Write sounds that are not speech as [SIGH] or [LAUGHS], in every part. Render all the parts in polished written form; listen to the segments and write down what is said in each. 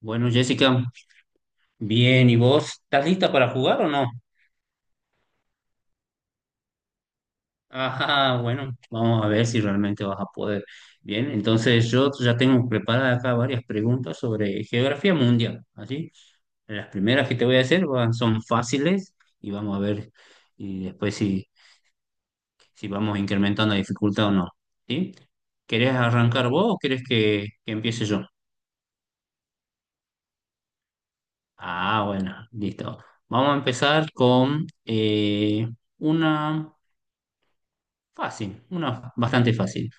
Bueno, Jessica, bien, ¿y vos estás lista para jugar o no? Ajá, bueno, vamos a ver si realmente vas a poder. Bien, entonces yo ya tengo preparadas acá varias preguntas sobre geografía mundial, ¿así? Las primeras que te voy a hacer son fáciles y vamos a ver y después si vamos incrementando la dificultad o no, ¿sí? ¿Querés arrancar vos o querés que empiece yo? Ah, bueno, listo. Vamos a empezar con una... fácil, una bastante fácil.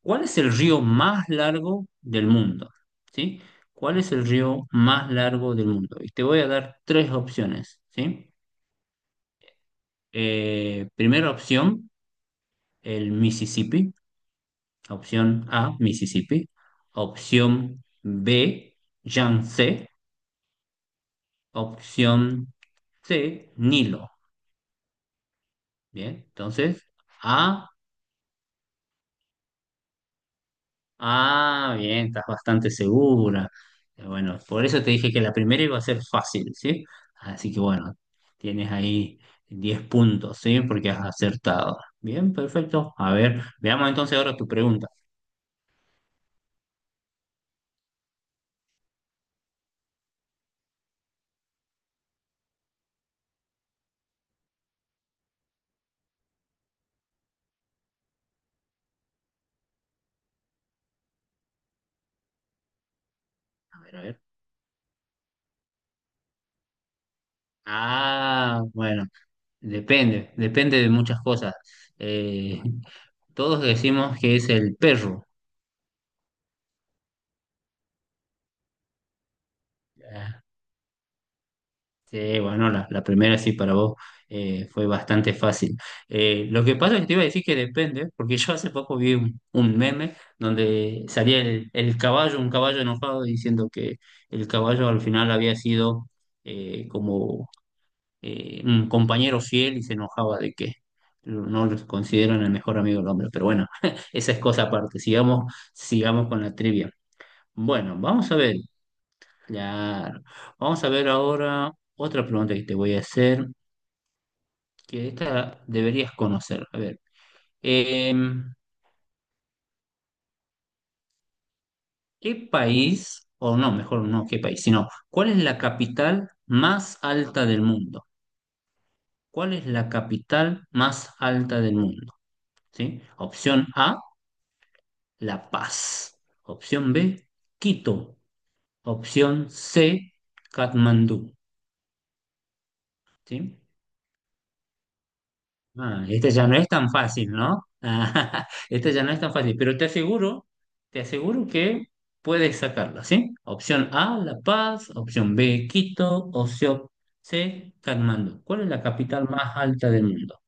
¿Cuál es el río más largo del mundo? ¿Sí? ¿Cuál es el río más largo del mundo? Y te voy a dar tres opciones, ¿sí? Primera opción, el Mississippi. Opción A, Mississippi. Opción B, Yangtze. Opción C, Nilo. Bien, entonces A. Ah, bien, estás bastante segura. Bueno, por eso te dije que la primera iba a ser fácil, ¿sí? Así que bueno, tienes ahí 10 puntos, ¿sí? Porque has acertado. Bien, perfecto. A ver, veamos entonces ahora tu pregunta. A ver, a ver. Ah, bueno, depende, depende de muchas cosas. Eh, Todos decimos que es el perro. Ah, sí, bueno, la primera sí para vos fue bastante fácil. Lo que pasa es que te iba a decir que depende, porque yo hace poco vi un meme donde salía el caballo, un caballo enojado, diciendo que el caballo al final había sido como un compañero fiel y se enojaba de que no lo consideran el mejor amigo del hombre. Pero bueno, [LAUGHS] esa es cosa aparte. Sigamos, sigamos con la trivia. Bueno, vamos a ver. Claro. Vamos a ver ahora otra pregunta que te voy a hacer, que esta deberías conocer. A ver, em, ¿qué país, o no, mejor no qué país, sino cuál es la capital más alta del mundo? ¿Cuál es la capital más alta del mundo? ¿Sí? Opción A, La Paz. Opción B, Quito. Opción C, Katmandú. ¿Sí? Ah, este ya no es tan fácil, ¿no? [LAUGHS] Ah, este ya no es tan fácil, pero te aseguro que puedes sacarla, ¿sí? Opción A, La Paz, opción B, Quito, opción C, Katmandú. ¿Cuál es la capital más alta del mundo?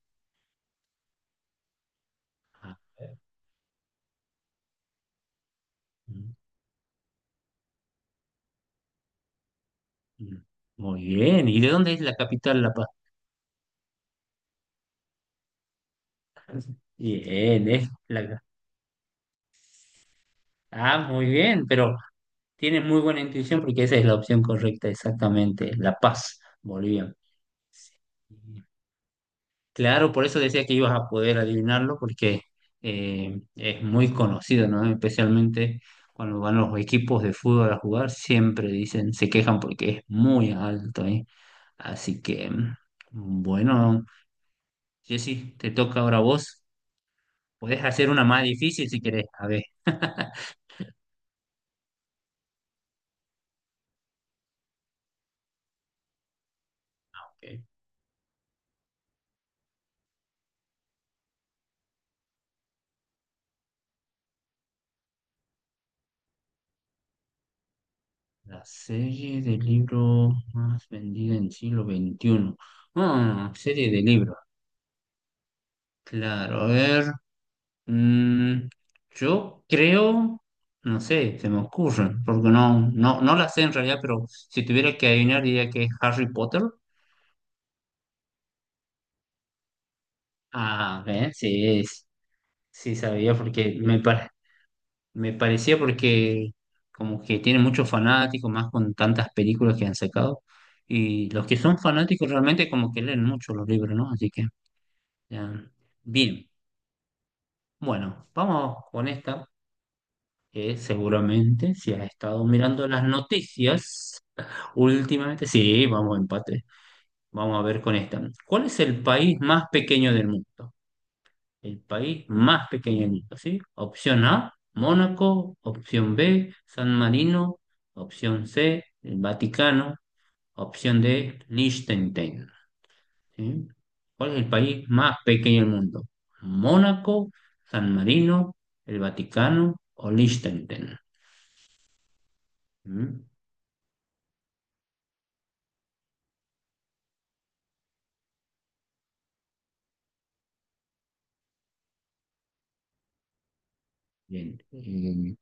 A ver. Mm, mm. Muy bien, ¿y de dónde es la capital La Paz? Bien, es la... Ah, muy bien, pero tienes muy buena intuición porque esa es la opción correcta, exactamente, La Paz, Bolivia. Claro, por eso decía que ibas a poder adivinarlo, porque es muy conocido, ¿no? Especialmente cuando van los equipos de fútbol a jugar, siempre dicen, se quejan porque es muy alto, ¿eh? Así que, bueno, Jessy, te toca ahora a vos. Puedes hacer una más difícil si querés. A ver, ok. La serie de libros más vendida en siglo XXI. Ah, serie de libros. Claro, a ver. Mm, yo creo, no sé, se me ocurre, porque no, no, no la sé en realidad, pero si tuviera que adivinar diría que es Harry Potter. Ah, ¿ves? Sí, sí sabía porque me parecía porque como que tiene muchos fanáticos, más con tantas películas que han sacado. Y los que son fanáticos realmente como que leen mucho los libros, ¿no? Así que, ya. Bien, bueno, vamos con esta, que seguramente si has estado mirando las noticias. Últimamente, sí, vamos a empate. Vamos a ver con esta. ¿Cuál es el país más pequeño del mundo? El país más pequeño del mundo, ¿sí? Opción A, Mónaco. Opción B, San Marino. Opción C, el Vaticano. Opción D, Liechtenstein. ¿Sí? ¿Cuál es el país más pequeño del mundo? ¿Mónaco, San Marino, el Vaticano o Liechtenstein? ¿Mm? Bien.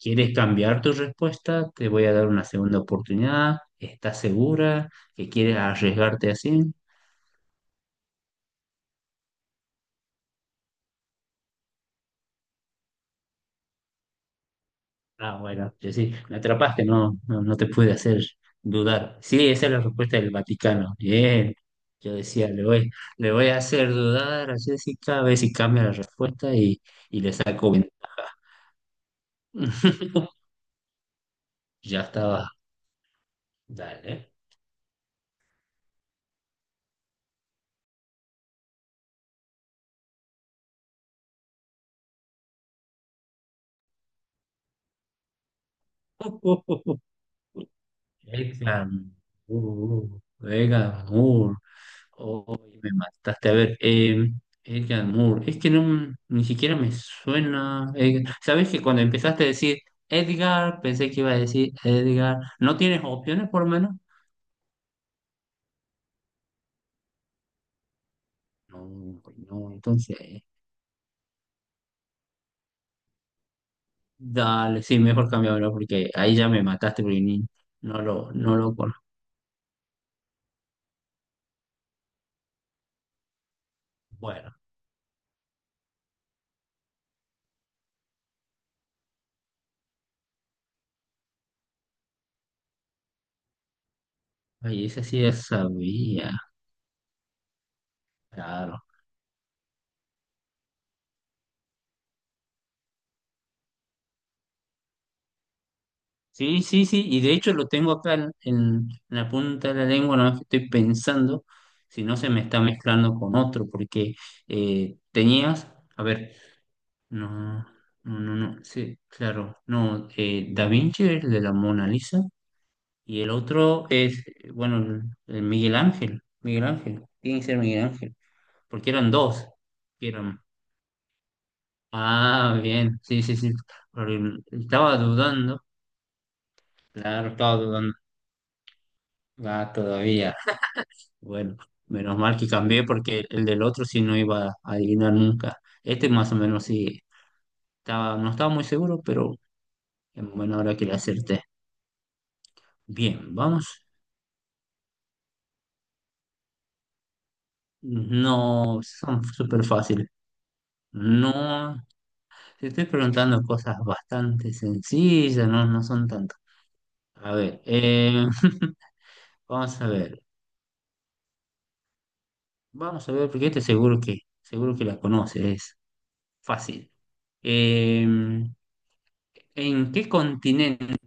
¿Quieres cambiar tu respuesta? Te voy a dar una segunda oportunidad. ¿Estás segura que quieres arriesgarte así? Ah, bueno, yo sí, me atrapaste, no, no, no te pude hacer dudar. Sí, esa es la respuesta del Vaticano. Bien. Yo decía, le voy a hacer dudar a Jessica, a ver si cambia la respuesta y le saco ventaja. [LAUGHS] Ya estaba. Dale. [LAUGHS] Beckham. Beckham. Oh, me mataste. A ver, Edgar Moore. Es que no, ni siquiera me suena. ¿Sabes que cuando empezaste a decir Edgar, pensé que iba a decir Edgar? ¿No tienes opciones por lo menos? No, pues no. Entonces, dale, sí, mejor cambiarlo porque ahí ya me mataste porque no lo, no lo conozco. Bueno, ahí ese sí ya sabía. Claro. Sí, sí, sí, y de hecho lo tengo acá en la punta de la lengua, no que estoy pensando si no se me está mezclando con otro, porque tenías, a ver, no, no, no, no, sí, claro, no, Da Vinci es el de la Mona Lisa y el otro es, bueno, el Miguel Ángel, Miguel Ángel, tiene que ser Miguel Ángel, porque eran dos, que eran, ah, bien, sí, sí, sí, porque estaba dudando, claro, estaba dudando, va todavía. Bueno, menos mal que cambié porque el del otro sí no iba a adivinar nunca. Este más o menos sí estaba, no estaba muy seguro, pero en buena hora que le acerté. Bien, vamos. No, son súper fáciles. No, te estoy preguntando cosas bastante sencillas, no, no son tantas. A ver, [LAUGHS] vamos a ver, vamos a ver, porque este seguro que la conoces, es fácil. Em, ¿En qué continente?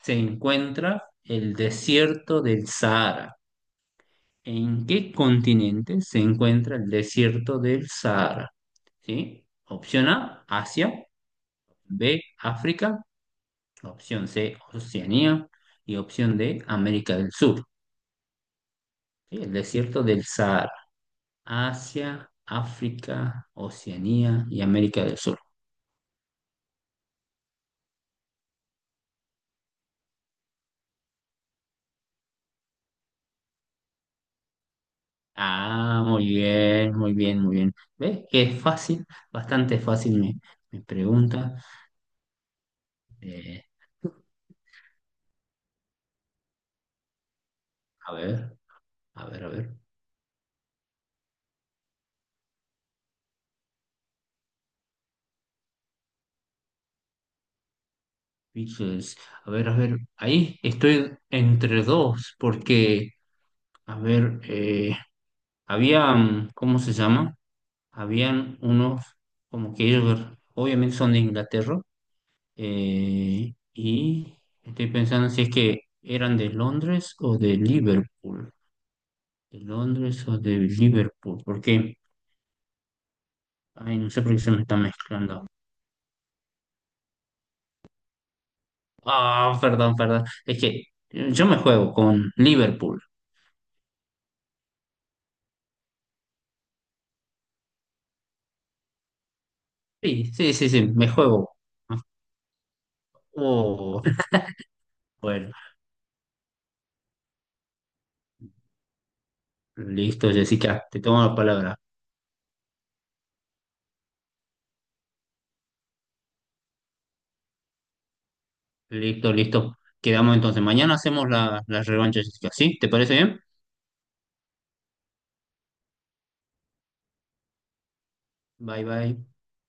Se encuentra el desierto del Sahara? ¿En qué continente se encuentra el desierto del Sahara? ¿Sí? Opción A, Asia, B, África, opción C, Oceanía y opción D, América del Sur. ¿Sí? El desierto del Sahara, Asia, África, Oceanía y América del Sur. Ah, muy bien, muy bien, muy bien. ¿Ves? Que es fácil, bastante fácil mi pregunta. Eh, A ver, a ver, a ver. Pixels. A ver, a ver. Ahí estoy entre dos, porque, a ver, habían, ¿cómo se llama? Habían unos, como que ellos, obviamente son de Inglaterra, y estoy pensando si es que eran de Londres o de Liverpool. De Londres o de Liverpool, porque, ay, no sé por qué se me está mezclando. Ah, perdón, perdón. Es que yo me juego con Liverpool. Sí, sí, sí, sí, me juego. Me juego. [LAUGHS] Bueno, listo, Jessica, te tomo la palabra. Listo, listo. Quedamos entonces. Mañana hacemos la revancha, Jessica. ¿Sí? ¿Te parece bien? Bye, bye.